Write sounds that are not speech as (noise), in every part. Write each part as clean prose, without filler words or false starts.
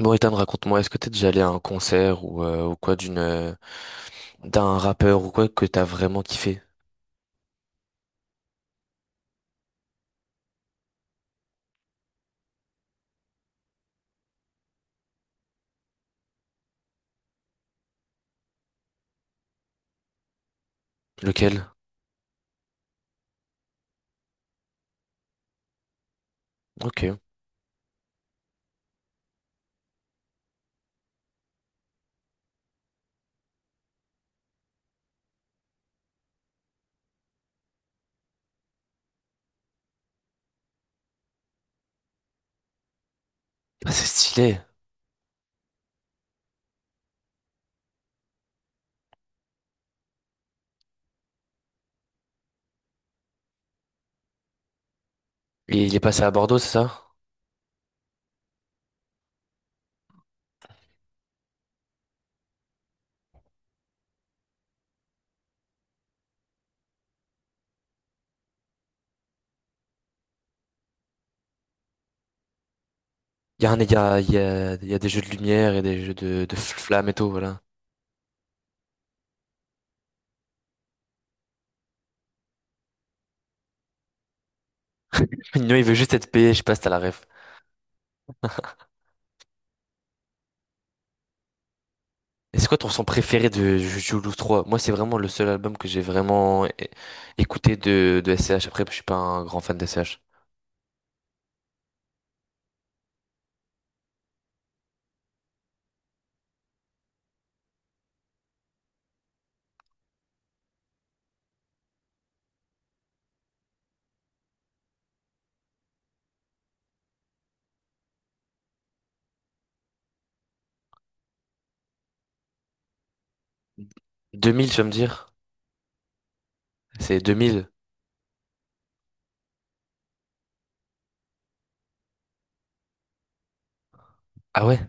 Bon, Ethan, raconte-moi, est-ce que t'es déjà allé à un concert ou quoi d'un rappeur ou quoi que t'as vraiment kiffé? Lequel? Ok. Ah, c'est stylé. Et il est passé à Bordeaux, c'est ça? Il y a un, il y a, il y a, il y a des jeux de lumière et des jeux de flammes et tout, voilà. (laughs) Non, il veut juste être payé, je sais pas si t'as la ref. Et c'est quoi ton son préféré de Jules 3? Moi, c'est vraiment le seul album que j'ai vraiment écouté de SCH. Après, je suis pas un grand fan de SCH. 2000, tu vas me dire? C'est 2000. Ah ouais?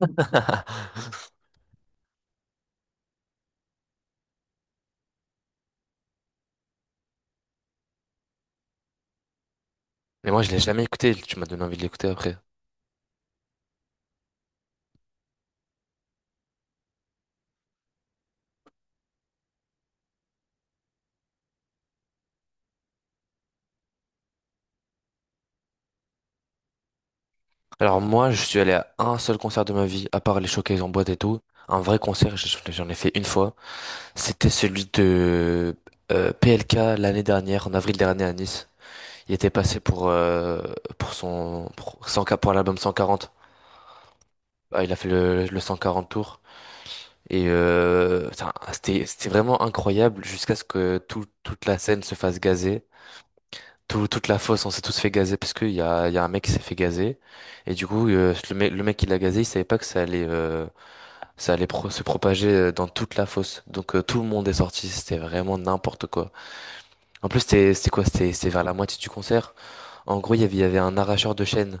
(laughs) Mais moi, je l'ai jamais écouté. Tu m'as donné envie de l'écouter après. Alors moi, je suis allé à un seul concert de ma vie, à part les showcases en boîte et tout. Un vrai concert, j'en ai fait une fois. C'était celui de PLK l'année dernière, en avril dernier à Nice. Il était passé pour 100 pour l'album 140. Ah, il a fait le 140 tour. Et putain, c'était vraiment incroyable jusqu'à ce que toute la scène se fasse gazer. Toute la fosse, on s'est tous fait gazer parce qu'il y a un mec qui s'est fait gazer. Et du coup, le mec qui l'a gazé, il savait pas que ça allait se propager dans toute la fosse. Donc tout le monde est sorti, c'était vraiment n'importe quoi. En plus, c'était quoi? C'était vers la moitié du concert. En gros, il y avait un arracheur de chaînes.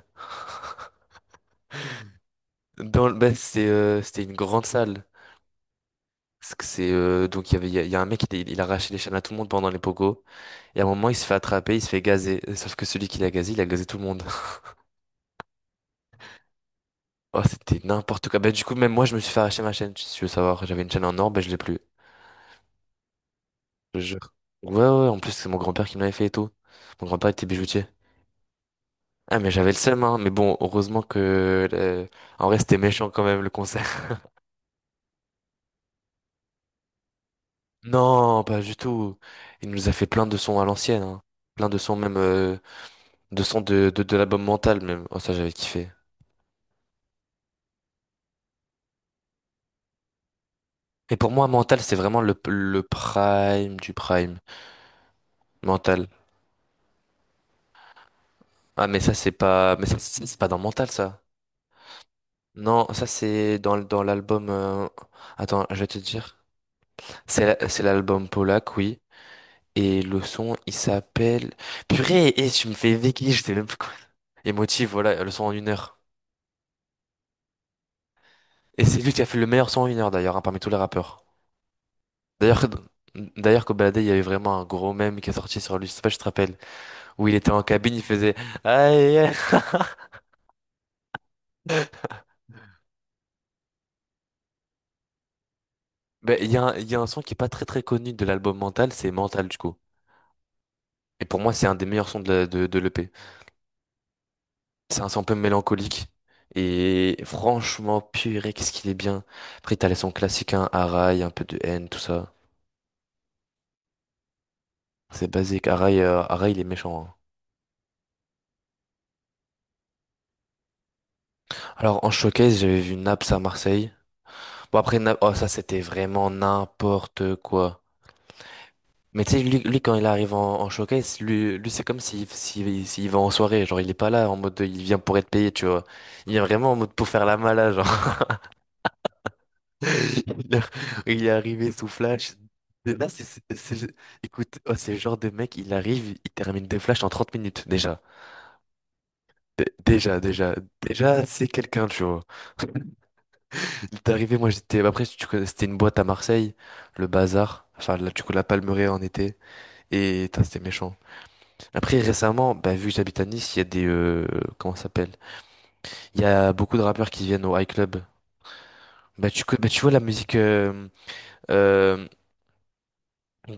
Bah, c'était une grande salle. Parce que C'est donc il y avait il y a un mec, il arrachait les chaînes à tout le monde pendant les pogos. Et à un moment, il se fait attraper, il se fait gazer, sauf que celui qui l'a gazé, il a gazé tout le monde. Oh, c'était n'importe quoi. Bah, du coup, même moi, je me suis fait arracher ma chaîne, si tu veux savoir. J'avais une chaîne en or, bah, je l'ai plus. Je te jure. Ouais, ouais, en plus, c'est mon grand-père qui me l'avait fait et tout. Mon grand-père était bijoutier. Ah, mais j'avais le seum, hein. Mais bon, heureusement que, en vrai, c'était méchant quand même, le concert. (laughs) Non, pas du tout. Il nous a fait plein de sons à l'ancienne, hein. Plein de sons, même, de sons de l'album Mental, même. Oh, ça, j'avais kiffé. Et pour moi, Mental, c'est vraiment le prime du prime. Mental. Ah, mais ça, c'est pas, mais ça, c'est pas dans Mental, ça. Non, ça c'est dans l'album. Attends, je vais te dire. C'est l'album Polak, oui. Et le son, il s'appelle. Purée, et tu me fais béquille, je sais même plus quoi. Émotive, voilà, le son en une heure. Et c'est lui qui a fait le meilleur son en une heure d'ailleurs, hein, parmi tous les rappeurs. D'ailleurs, que- d'ailleurs, Kobalade, il y avait vraiment un gros mème qui est sorti sur lui, je sais pas si je te rappelle, où il était en cabine, il faisait. Aïe, aïe. Ben, il y a un son qui est pas très très connu de l'album Mental, c'est Mental du coup. Et pour moi, c'est un des meilleurs sons de l'EP. C'est un son un peu mélancolique. Et franchement, purée, qu'est-ce qu'il est bien. Après, t'as les sons classiques, hein, Arai, un peu de haine, tout ça. C'est basique. Arai, il est méchant, hein. Alors, en showcase, j'avais vu Naps à Marseille. Bon, après, Naps, oh, ça, c'était vraiment n'importe quoi. Mais tu sais, lui, quand il arrive en showcase, lui c'est comme s'il va en soirée. Genre, il est pas là en mode, il vient pour être payé, tu vois. Il vient vraiment en mode pour faire la malade. (laughs) Il a- il est arrivé sous Flash. Et là, écoute, oh, c'est le genre de mec, il arrive, il termine des flashs en 30 minutes déjà. Dé- Déjà, déjà, déjà, c'est quelqu'un, tu vois. Il est arrivé, moi j'étais. Après, tu connais, c'était une boîte à Marseille, le bazar. Enfin, là, du coup, la Palmeraie en été. Et putain, c'était méchant. Après, récemment, bah, vu que j'habite à Nice, il y a des, comment ça s'appelle? Il y a beaucoup de rappeurs qui viennent au High Club. Bah, bah, tu vois la musiqueeuh,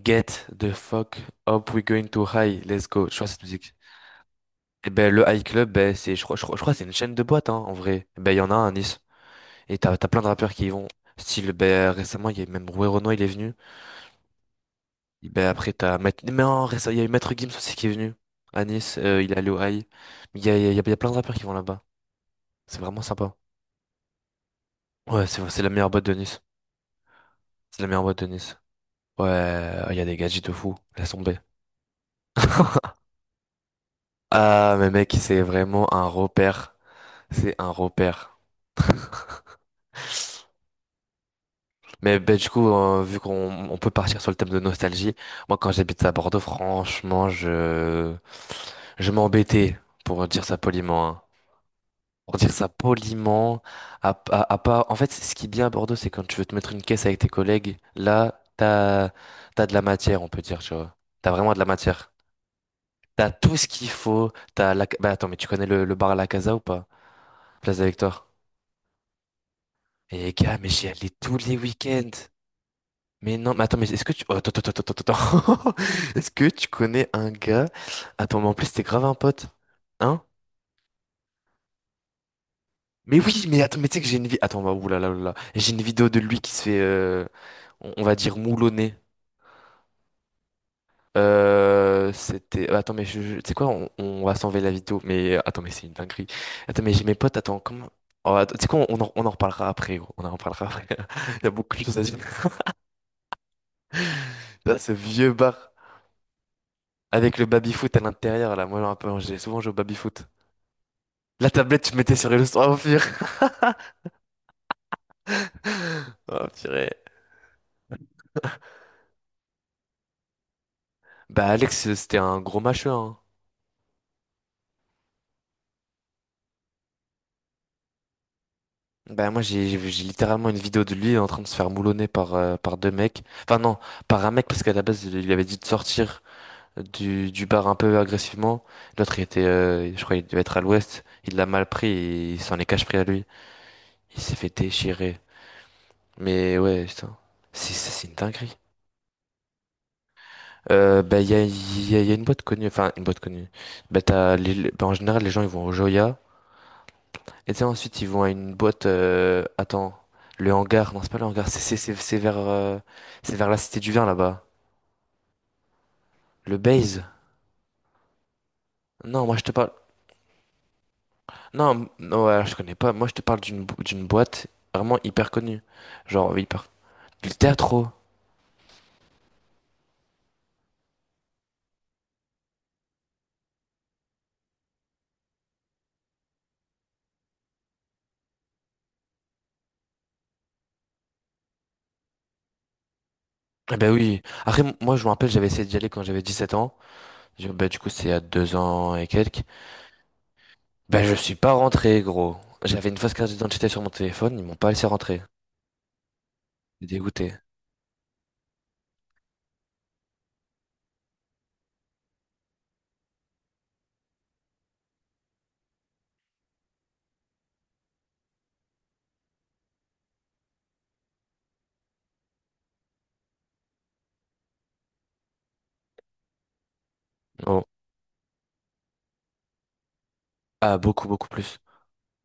Get the fuck up, we're going to high, let's go. Je crois que c'est cette musique. Et ben le High Club, ben c'est, je crois que c'est une chaîne de boîtes, hein, en vrai. Eh ben il y en a un à Nice. Et t'as plein de rappeurs qui y vont. Style, ben récemment, il y a même Roué Renoir, il est venu. Et ben après, t'as Maître, mais non, récemment, il y a eu Maître Gims aussi qui est venu à Nice. Il est allé au high. Il y a, il y a, il y a plein de rappeurs qui vont là-bas. C'est vraiment sympa. Ouais, c'est la meilleure boîte de Nice. C'est la meilleure boîte de Nice. Ouais, il y a des gadgets de fou. Laisse tomber. Ah, mais mec, c'est vraiment un repère. C'est un repère. Mais ben, du coup, vu qu'on peut partir sur le thème de nostalgie, moi quand j'habite à Bordeaux, franchement, je m'embêtais pour dire ça poliment, hein. Pour dire ça poliment, à pas. En fait, ce qui est bien à Bordeaux, c'est quand tu veux te mettre une caisse avec tes collègues, là, t'as de la matière, on peut dire, tu vois. T'as vraiment de la matière. T'as tout ce qu'il faut. T'as la. Bah attends, mais tu connais le bar à la Casa ou pas? Place de la Victoire. Et gars, mais j'y allais tous les week-ends. Mais non, mais attends, mais est-ce que tu... oh, attends. (laughs) Est-ce que tu connais un gars... Attends, mais en plus, c'était grave un pote. Hein? Mais oui, mais attends, mais tu sais que j'ai une vie... Attends, bah, oulala, oulala. J'ai une vidéo de lui qui se fait, on va dire moulonner. C'était... Attends, mais je... Tu sais quoi? On va s'enlever la vidéo. Mais attends, mais c'est une dinguerie. Attends, mais j'ai mes potes, attends, comment... Oh, attends, tu sais quoi? On en reparlera après, gros. On en reparlera après. (laughs) Il y a beaucoup de choses à dire. (laughs) Là, ce vieux bar avec le baby-foot à l'intérieur, là. Moi, un peu, j'ai souvent joué au baby-foot. La tablette, tu mettais sur Illustrator au pire. (laughs) Oh, purée. Bah, Alex, c'était un gros mâcheux, hein. Bah, moi, j'ai littéralement une vidéo de lui en train de se faire moulonner par 2 mecs. Enfin, non, par un mec, parce qu'à la base, il lui avait dit de sortir du bar un peu agressivement. L'autre, il était, je crois, il devait être à l'ouest. Il l'a mal pris et il s'en est cache pris à lui. Il s'est fait déchirer. Mais ouais, putain. C'est une dinguerie. Bah, il y a, il y a- il y a une boîte connue, enfin, une boîte connue. Bah, bah, en général, les gens, ils vont au Joya. Et tu sais, ensuite, ils vont à une boîte. Attends, le hangar. Non, c'est pas le hangar. C'est vers la Cité du Vin là-bas. Le Baze. Non, moi je te parle. Non, non, ouais, je connais pas. Moi je te parle d'une boîte vraiment hyper connue. Genre hyper. Le Teatro. Eh ben oui. Après, moi je me rappelle, j'avais essayé d'y aller quand j'avais 17 ans. Bah, du coup, c'est il y a 2 ans et quelques. Ben je suis pas rentré, gros. J'avais une fausse carte d'identité sur mon téléphone. Ils m'ont pas laissé rentrer. J'étais dégoûté. Oh. Ah, beaucoup, beaucoup plus.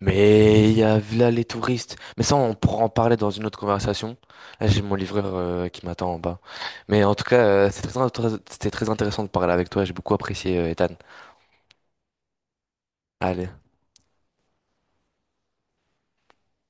Mais il y a là les touristes. Mais ça, on pourra en parler dans une autre conversation. Là, j'ai mon livreur qui m'attend en bas. Mais en tout cas, c'était très intéressant de parler avec toi. J'ai beaucoup apprécié, Ethan. Allez.